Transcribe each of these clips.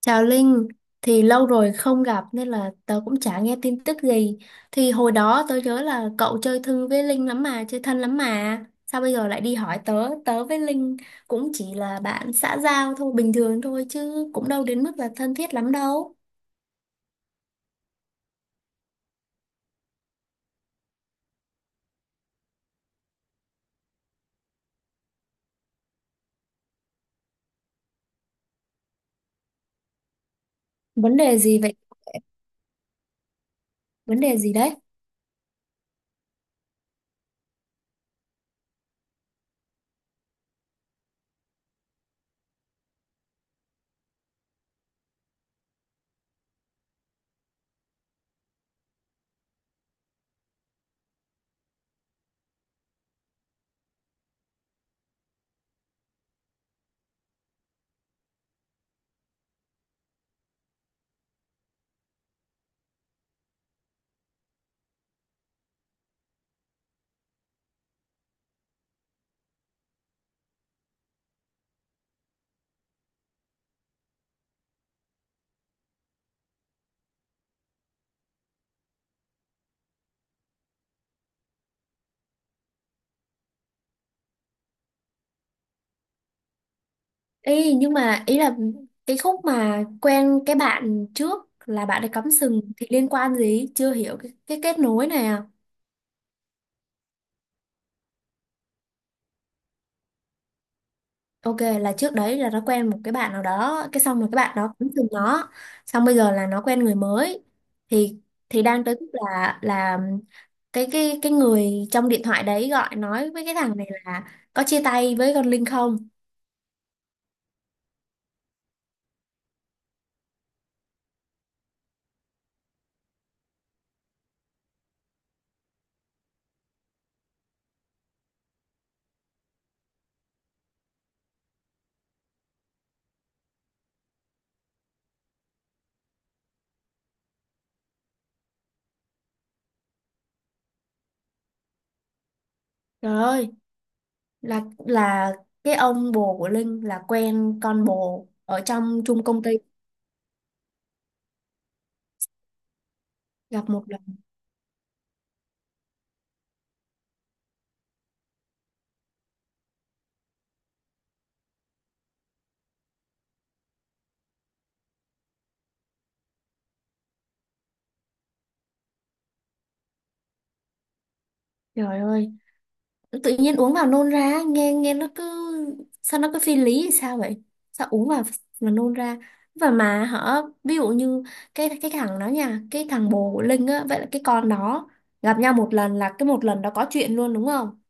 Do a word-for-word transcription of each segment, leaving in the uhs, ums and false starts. Chào Linh, thì lâu rồi không gặp nên là tớ cũng chả nghe tin tức gì. Thì hồi đó tớ nhớ là cậu chơi thân với Linh lắm mà, chơi thân lắm mà. Sao bây giờ lại đi hỏi tớ? Tớ với Linh cũng chỉ là bạn xã giao thôi, bình thường thôi chứ cũng đâu đến mức là thân thiết lắm đâu. Vấn đề gì vậy? Vấn đề gì đấy? Ý, nhưng mà ý là cái khúc mà quen cái bạn trước là bạn ấy cắm sừng thì liên quan gì? Chưa hiểu cái, cái kết nối này à? Ok, là trước đấy là nó quen một cái bạn nào đó, cái xong rồi cái bạn đó cũng thương nó, xong bây giờ là nó quen người mới, thì thì đang tới lúc là là cái cái cái người trong điện thoại đấy gọi nói với cái thằng này là có chia tay với con Linh không? Trời ơi, là là cái ông bồ của Linh là quen con bồ ở trong chung công ty, gặp một lần. Trời ơi, tự nhiên uống vào nôn ra, nghe nghe nó cứ, sao nó cứ phi lý hay sao vậy? Sao uống vào mà nôn ra? Và mà họ, ví dụ như cái cái thằng đó nha, cái thằng bồ của Linh á, vậy là cái con đó gặp nhau một lần là cái một lần đó có chuyện luôn đúng không?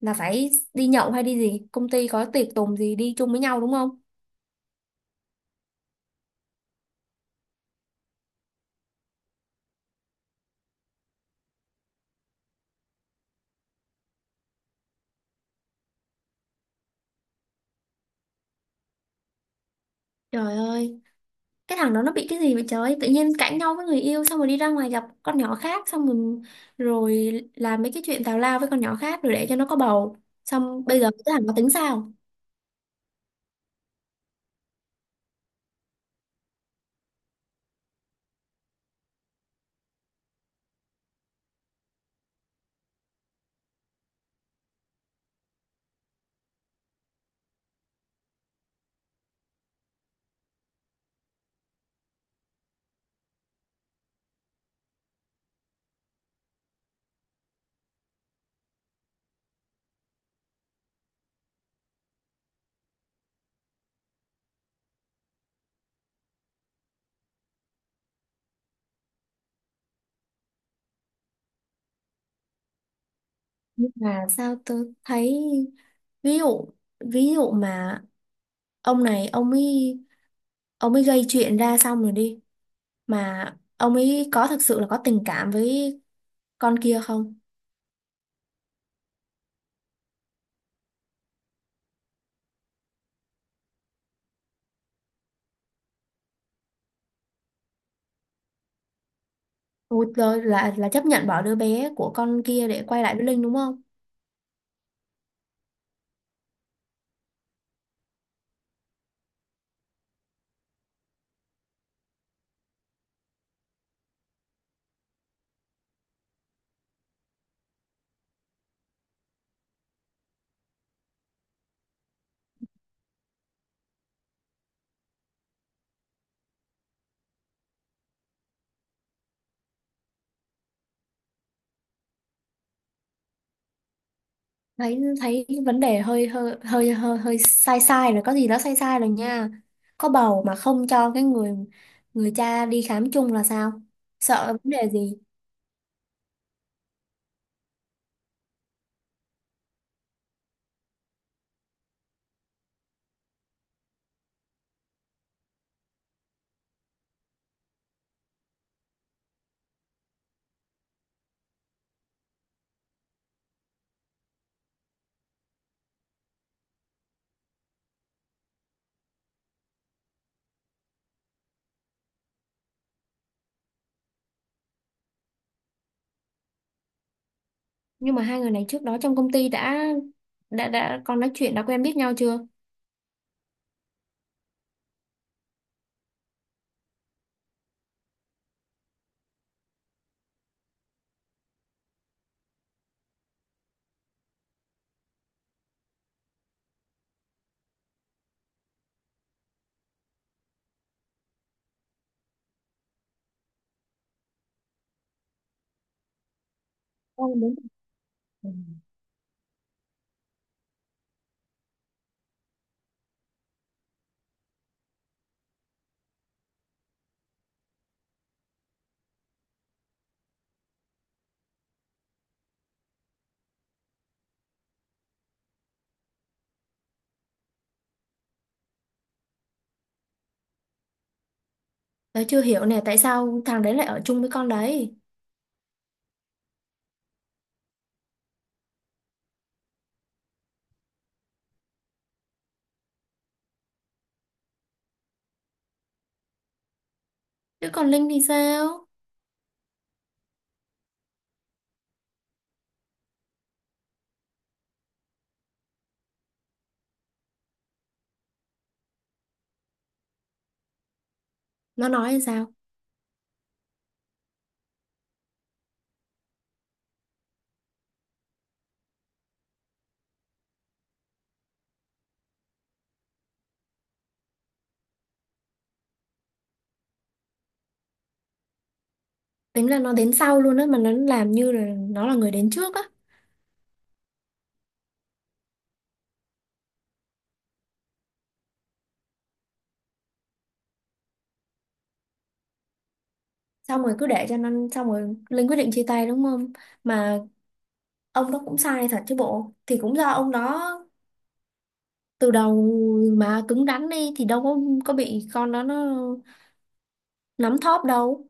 Là phải đi nhậu hay đi gì, công ty có tiệc tùng gì đi chung với nhau đúng không? Trời ơi, cái thằng đó nó bị cái gì vậy trời, tự nhiên cãi nhau với người yêu xong rồi đi ra ngoài gặp con nhỏ khác, xong rồi rồi làm mấy cái chuyện tào lao với con nhỏ khác rồi để cho nó có bầu. Xong bây giờ cái thằng nó tính sao? Nhưng mà sao tôi thấy, ví dụ, ví dụ mà ông này ông ấy, ông ấy gây chuyện ra xong rồi đi, mà ông ấy có thực sự là có tình cảm với con kia không? Ôi, rồi là là chấp nhận bỏ đứa bé của con kia để quay lại với Linh đúng không? Thấy, thấy vấn đề hơi hơi hơi hơi hơi sai sai rồi, có gì đó sai sai rồi nha. Có bầu mà không cho cái người, người cha đi khám chung là sao? Sợ vấn đề gì? Nhưng mà hai người này trước đó trong công ty đã đã đã con nói chuyện, đã quen biết nhau chưa? Con đúng. Tớ chưa hiểu nè, tại sao thằng đấy lại ở chung với con đấy? Chứ còn Linh thì sao? Nó nói là sao? Tính là nó đến sau luôn á mà nó làm như là nó là người đến trước á. Xong rồi cứ để cho nó, xong rồi Linh quyết định chia tay đúng không? Mà ông đó cũng sai thật chứ bộ, thì cũng do ông đó từ đầu mà cứng rắn đi thì đâu có có bị con đó nó nắm thóp đâu.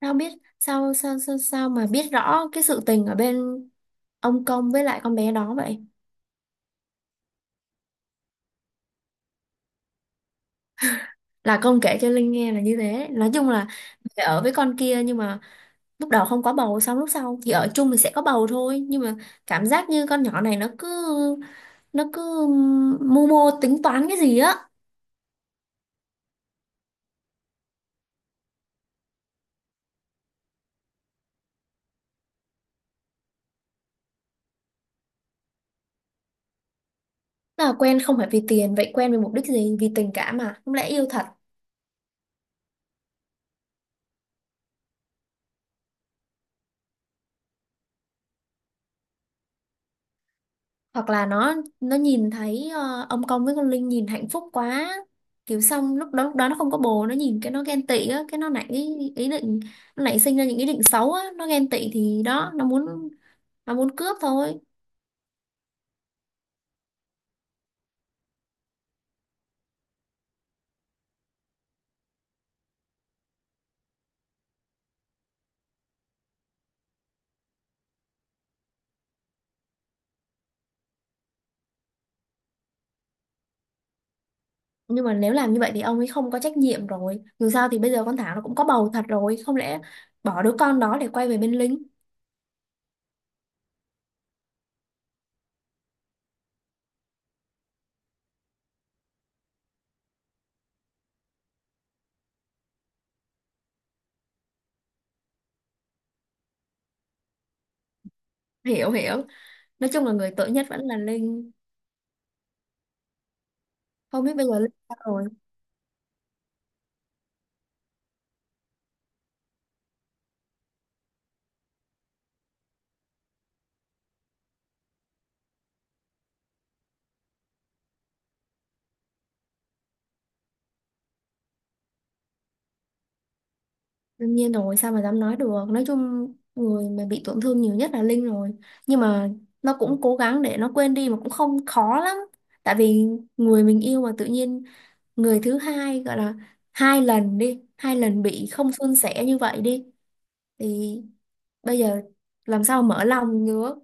Sao biết, sao sao sao sao mà biết rõ cái sự tình ở bên ông Công với lại con bé đó vậy? Là Công kể cho Linh nghe là như thế. Nói chung là phải ở với con kia, nhưng mà lúc đầu không có bầu, xong lúc sau thì ở chung thì sẽ có bầu thôi, nhưng mà cảm giác như con nhỏ này nó cứ nó cứ mưu mô tính toán cái gì á. Là quen không phải vì tiền, vậy quen vì mục đích gì? Vì tình cảm à? Không lẽ yêu thật? Hoặc là nó nó nhìn thấy ờ, ông Công với con Linh nhìn hạnh phúc quá. Kiểu xong lúc đó lúc đó nó không có bồ, nó nhìn cái nó ghen tị á, cái nó nảy ý, ý định, nó nảy sinh ra những ý định xấu á, nó ghen tị thì đó, nó muốn nó muốn cướp thôi. Nhưng mà nếu làm như vậy thì ông ấy không có trách nhiệm rồi. Dù sao thì bây giờ con Thảo nó cũng có bầu thật rồi, không lẽ bỏ đứa con đó để quay về bên Linh? Hiểu hiểu. Nói chung là người tội nhất vẫn là Linh. Không biết bây giờ Linh sao rồi. Đương nhiên rồi, sao mà dám nói được. Nói chung người mà bị tổn thương nhiều nhất là Linh rồi. Nhưng mà nó cũng cố gắng để nó quên đi mà cũng không khó lắm. Tại vì người mình yêu mà tự nhiên, người thứ hai gọi là, hai lần đi, hai lần bị không suôn sẻ như vậy đi thì bây giờ làm sao mở lòng nữa.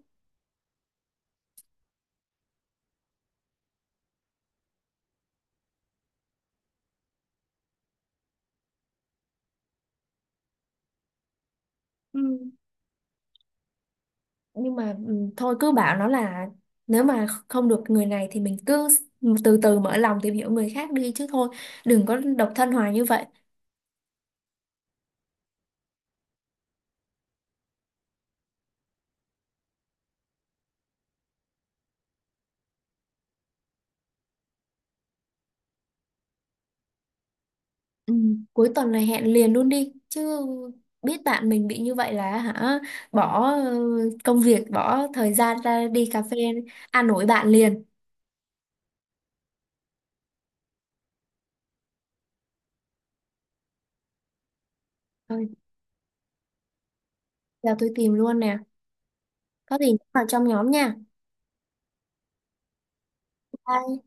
Ừ. Nhưng mà ừ, thôi cứ bảo nó là nếu mà không được người này thì mình cứ từ từ mở lòng tìm hiểu người khác đi chứ, thôi, đừng có độc thân hoài như vậy. Ừ, cuối tuần này hẹn liền luôn đi chứ, biết bạn mình bị như vậy là hả, bỏ ờ, công việc, bỏ thời gian ra đi cà phê, ăn nổi bạn liền. Thôi giờ tôi tìm luôn nè, có gì nhắn vào trong nhóm nha. Bye.